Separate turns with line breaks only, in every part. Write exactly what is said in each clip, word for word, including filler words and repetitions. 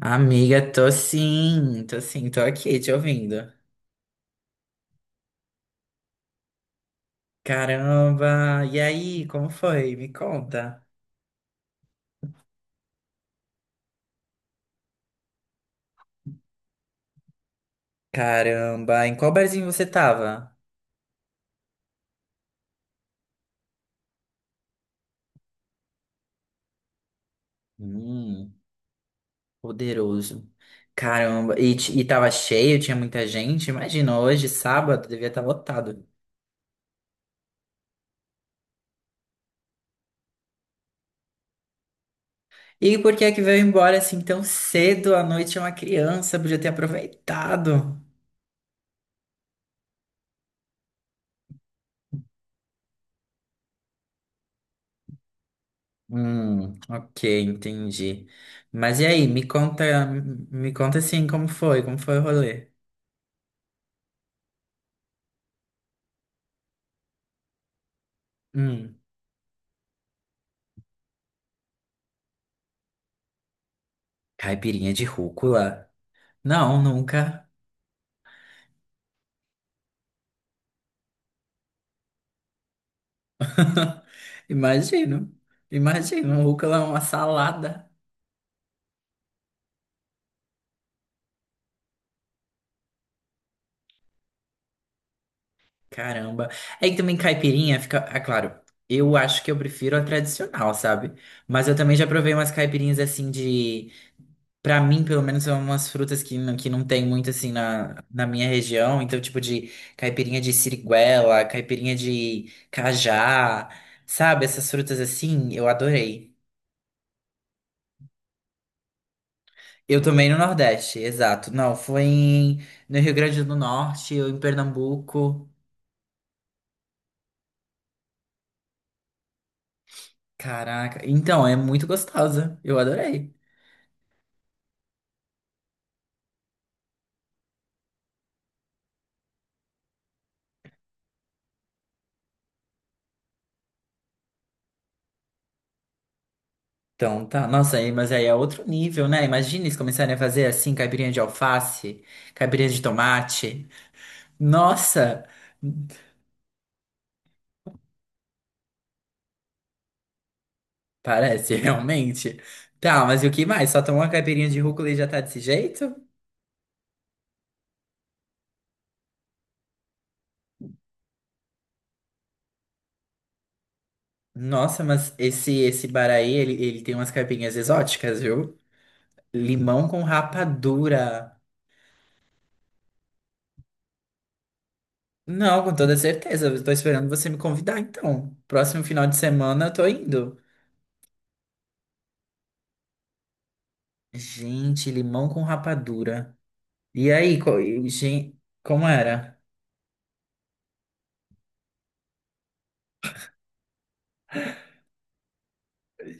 Amiga, tô sim, tô sim, tô aqui te ouvindo. Caramba, e aí, como foi? Me conta. Caramba, em qual barzinho você tava? Hum, poderoso. Caramba, e, t- e tava cheio, tinha muita gente? Imagina, hoje, sábado, devia estar lotado. E por que é que veio embora assim tão cedo? À noite é uma criança, podia ter aproveitado. Hum, ok, entendi. Mas e aí, me conta, me conta assim como foi, como foi o rolê? Hum, caipirinha de rúcula? Não, nunca. Imagino. Imagino, um rúcula é uma salada. Caramba. Aí também caipirinha fica. Ah, claro, eu acho que eu prefiro a tradicional, sabe? Mas eu também já provei umas caipirinhas assim de. Pra mim, pelo menos, são umas frutas que não, que não tem muito assim na, na minha região. Então, tipo de caipirinha de siriguela, caipirinha de cajá, sabe? Essas frutas assim, eu adorei. Eu também no Nordeste, exato. Não, foi em, no Rio Grande do Norte ou em Pernambuco. Caraca. Então, é muito gostosa. Eu adorei. Então, tá. Nossa, aí, mas aí é outro nível, né? Imagina eles começarem a fazer assim, caipirinha de alface, caipirinha de tomate. Nossa, parece realmente. Tá, mas e o que mais? Só tomar uma caipirinha de rúcula e já tá desse jeito? Nossa, mas esse esse bar aí, ele, ele tem umas caipirinhas exóticas, viu? Limão com rapadura. Não, com toda certeza. Eu tô esperando você me convidar, então. Próximo final de semana eu tô indo. Gente, limão com rapadura. E aí, co... gente, como era?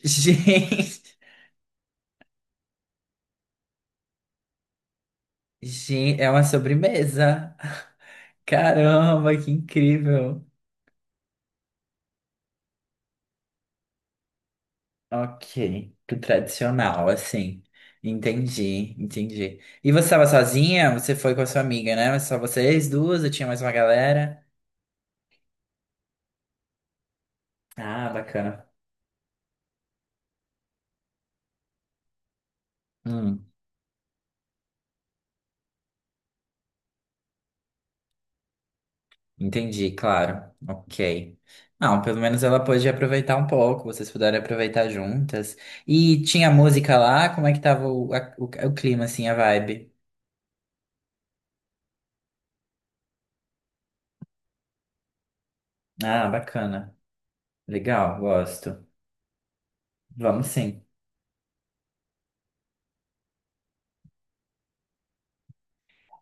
Gente, gente, é uma sobremesa. Caramba, que incrível. Ok, que tradicional, assim. Entendi, entendi. E você estava sozinha? Você foi com a sua amiga, né? Só vocês duas? Ou tinha mais uma galera? Ah, bacana. Hum. Entendi, claro. Ok. Não, pelo menos ela pôde aproveitar um pouco, vocês puderam aproveitar juntas. E tinha música lá, como é que tava o, a- o, o clima, assim, a vibe? Ah, bacana. Legal, gosto. Vamos sim.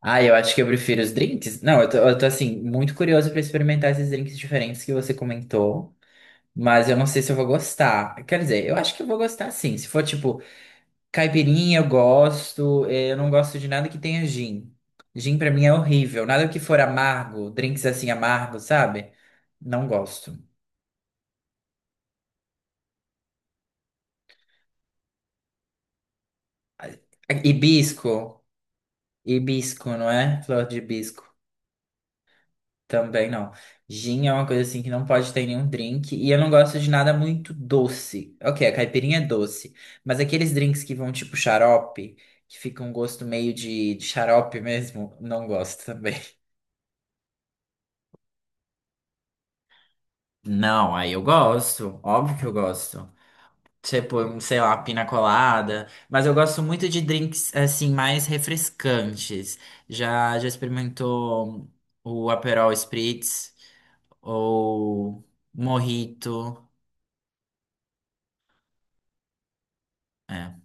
Ah, eu acho que eu prefiro os drinks. Não, eu tô, eu tô assim, muito curioso pra experimentar esses drinks diferentes que você comentou, mas eu não sei se eu vou gostar. Quer dizer, eu acho que eu vou gostar sim. Se for tipo caipirinha eu gosto, eh, eu não gosto de nada que tenha gin. Gin pra mim é horrível, nada que for amargo, drinks assim amargos, sabe? Não gosto. Hibisco, hibisco, não é? Flor de hibisco, também não. Gin é uma coisa assim que não pode ter em nenhum drink, e eu não gosto de nada muito doce. Ok, a caipirinha é doce, mas aqueles drinks que vão tipo xarope, que fica um gosto meio de, de xarope mesmo, não gosto também. Não, aí eu gosto, óbvio que eu gosto. Tipo, sei lá, pina colada. Mas eu gosto muito de drinks, assim, mais refrescantes. Já, já experimentou o Aperol Spritz ou Mojito? É.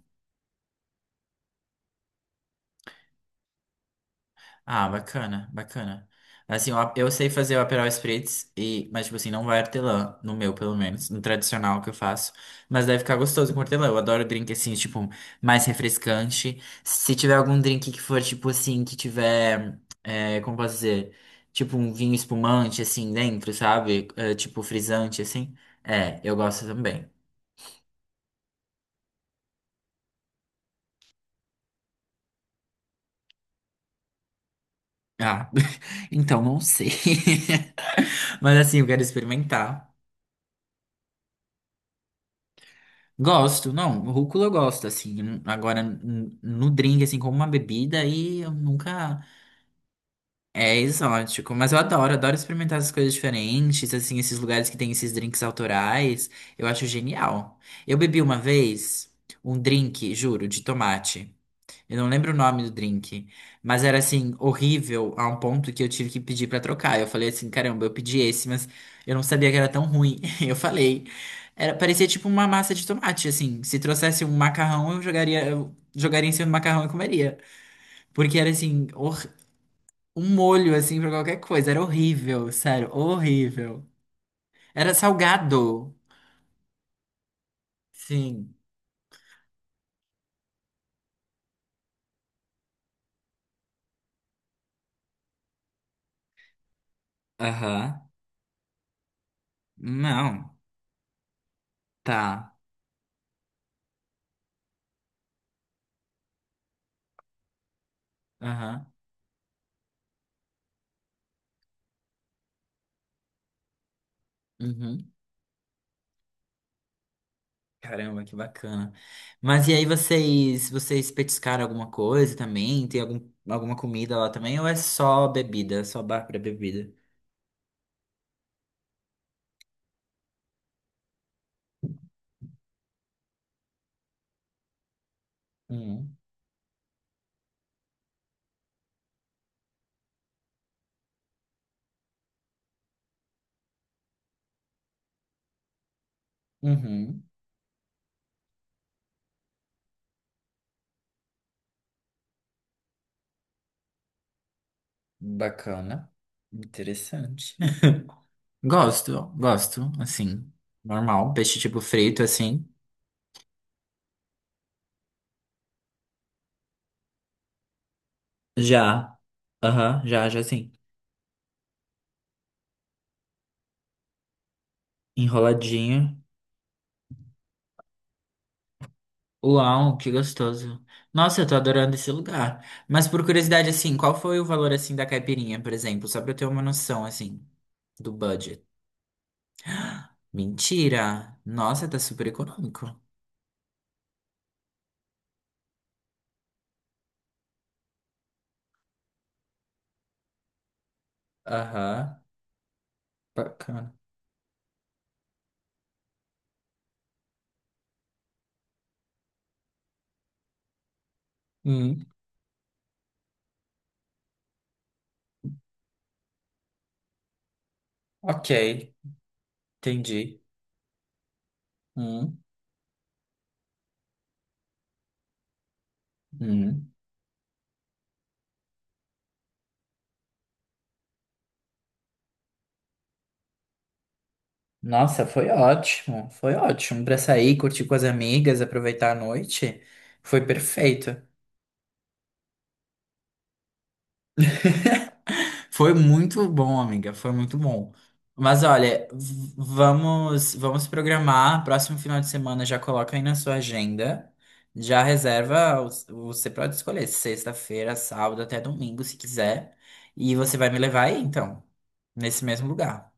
Ah, bacana, bacana. Assim, eu, eu sei fazer o Aperol Spritz, e, mas, tipo assim, não vai hortelã, no meu, pelo menos, no tradicional que eu faço. Mas deve ficar gostoso com hortelã. Eu adoro drink, assim, tipo, mais refrescante. Se tiver algum drink que for, tipo assim, que tiver, é, como posso dizer, tipo um vinho espumante, assim, dentro, sabe? É, tipo frisante, assim. É, eu gosto também. Ah, então não sei. Mas, assim, eu quero experimentar. Gosto, não, rúcula eu gosto, assim, n- agora n- no drink, assim, como uma bebida, aí eu nunca... É exótico, mas eu adoro, adoro experimentar essas coisas diferentes, assim, esses lugares que tem esses drinks autorais, eu acho genial. Eu bebi uma vez um drink, juro, de tomate. Eu não lembro o nome do drink, mas era assim, horrível a um ponto que eu tive que pedir pra trocar. Eu falei assim, caramba, eu pedi esse, mas eu não sabia que era tão ruim. Eu falei, era, parecia tipo uma massa de tomate, assim. Se trouxesse um macarrão, eu jogaria, eu jogaria em cima do macarrão e comeria. Porque era assim, hor- um molho assim pra qualquer coisa, era horrível, sério, horrível. Era salgado. Sim. Aham. Não. Tá. Aham. Uhum. Caramba, que bacana. Mas e aí vocês, vocês petiscaram alguma coisa também? Tem algum, alguma comida lá também? Ou é só bebida, é só bar para bebida? Hum, uhum, bacana. Interessante. Gosto, gosto, assim, normal. Peixe tipo frito, assim. Já. Aham, já, já sim. Enroladinho. Uau, que gostoso. Nossa, eu tô adorando esse lugar. Mas por curiosidade, assim, qual foi o valor, assim, da caipirinha, por exemplo? Só pra eu ter uma noção, assim, do budget. Mentira! Nossa, tá super econômico. Aham, bacana. Hum, ok, entendi. Hum, hum. Nossa, foi ótimo. Foi ótimo pra sair, curtir com as amigas, aproveitar a noite. Foi perfeito. Foi muito bom, amiga, foi muito bom. Mas olha, v- vamos vamos programar, próximo final de semana já coloca aí na sua agenda, já reserva, os- você pode escolher sexta-feira, sábado até domingo, se quiser, e você vai me levar aí então, nesse mesmo lugar.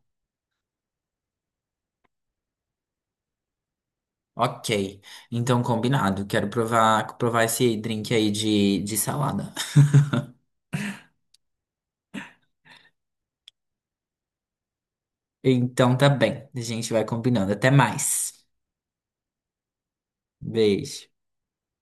Ok, então combinado, quero provar provar esse drink aí de, de salada. Então tá bem, a gente vai combinando, até mais. Beijo.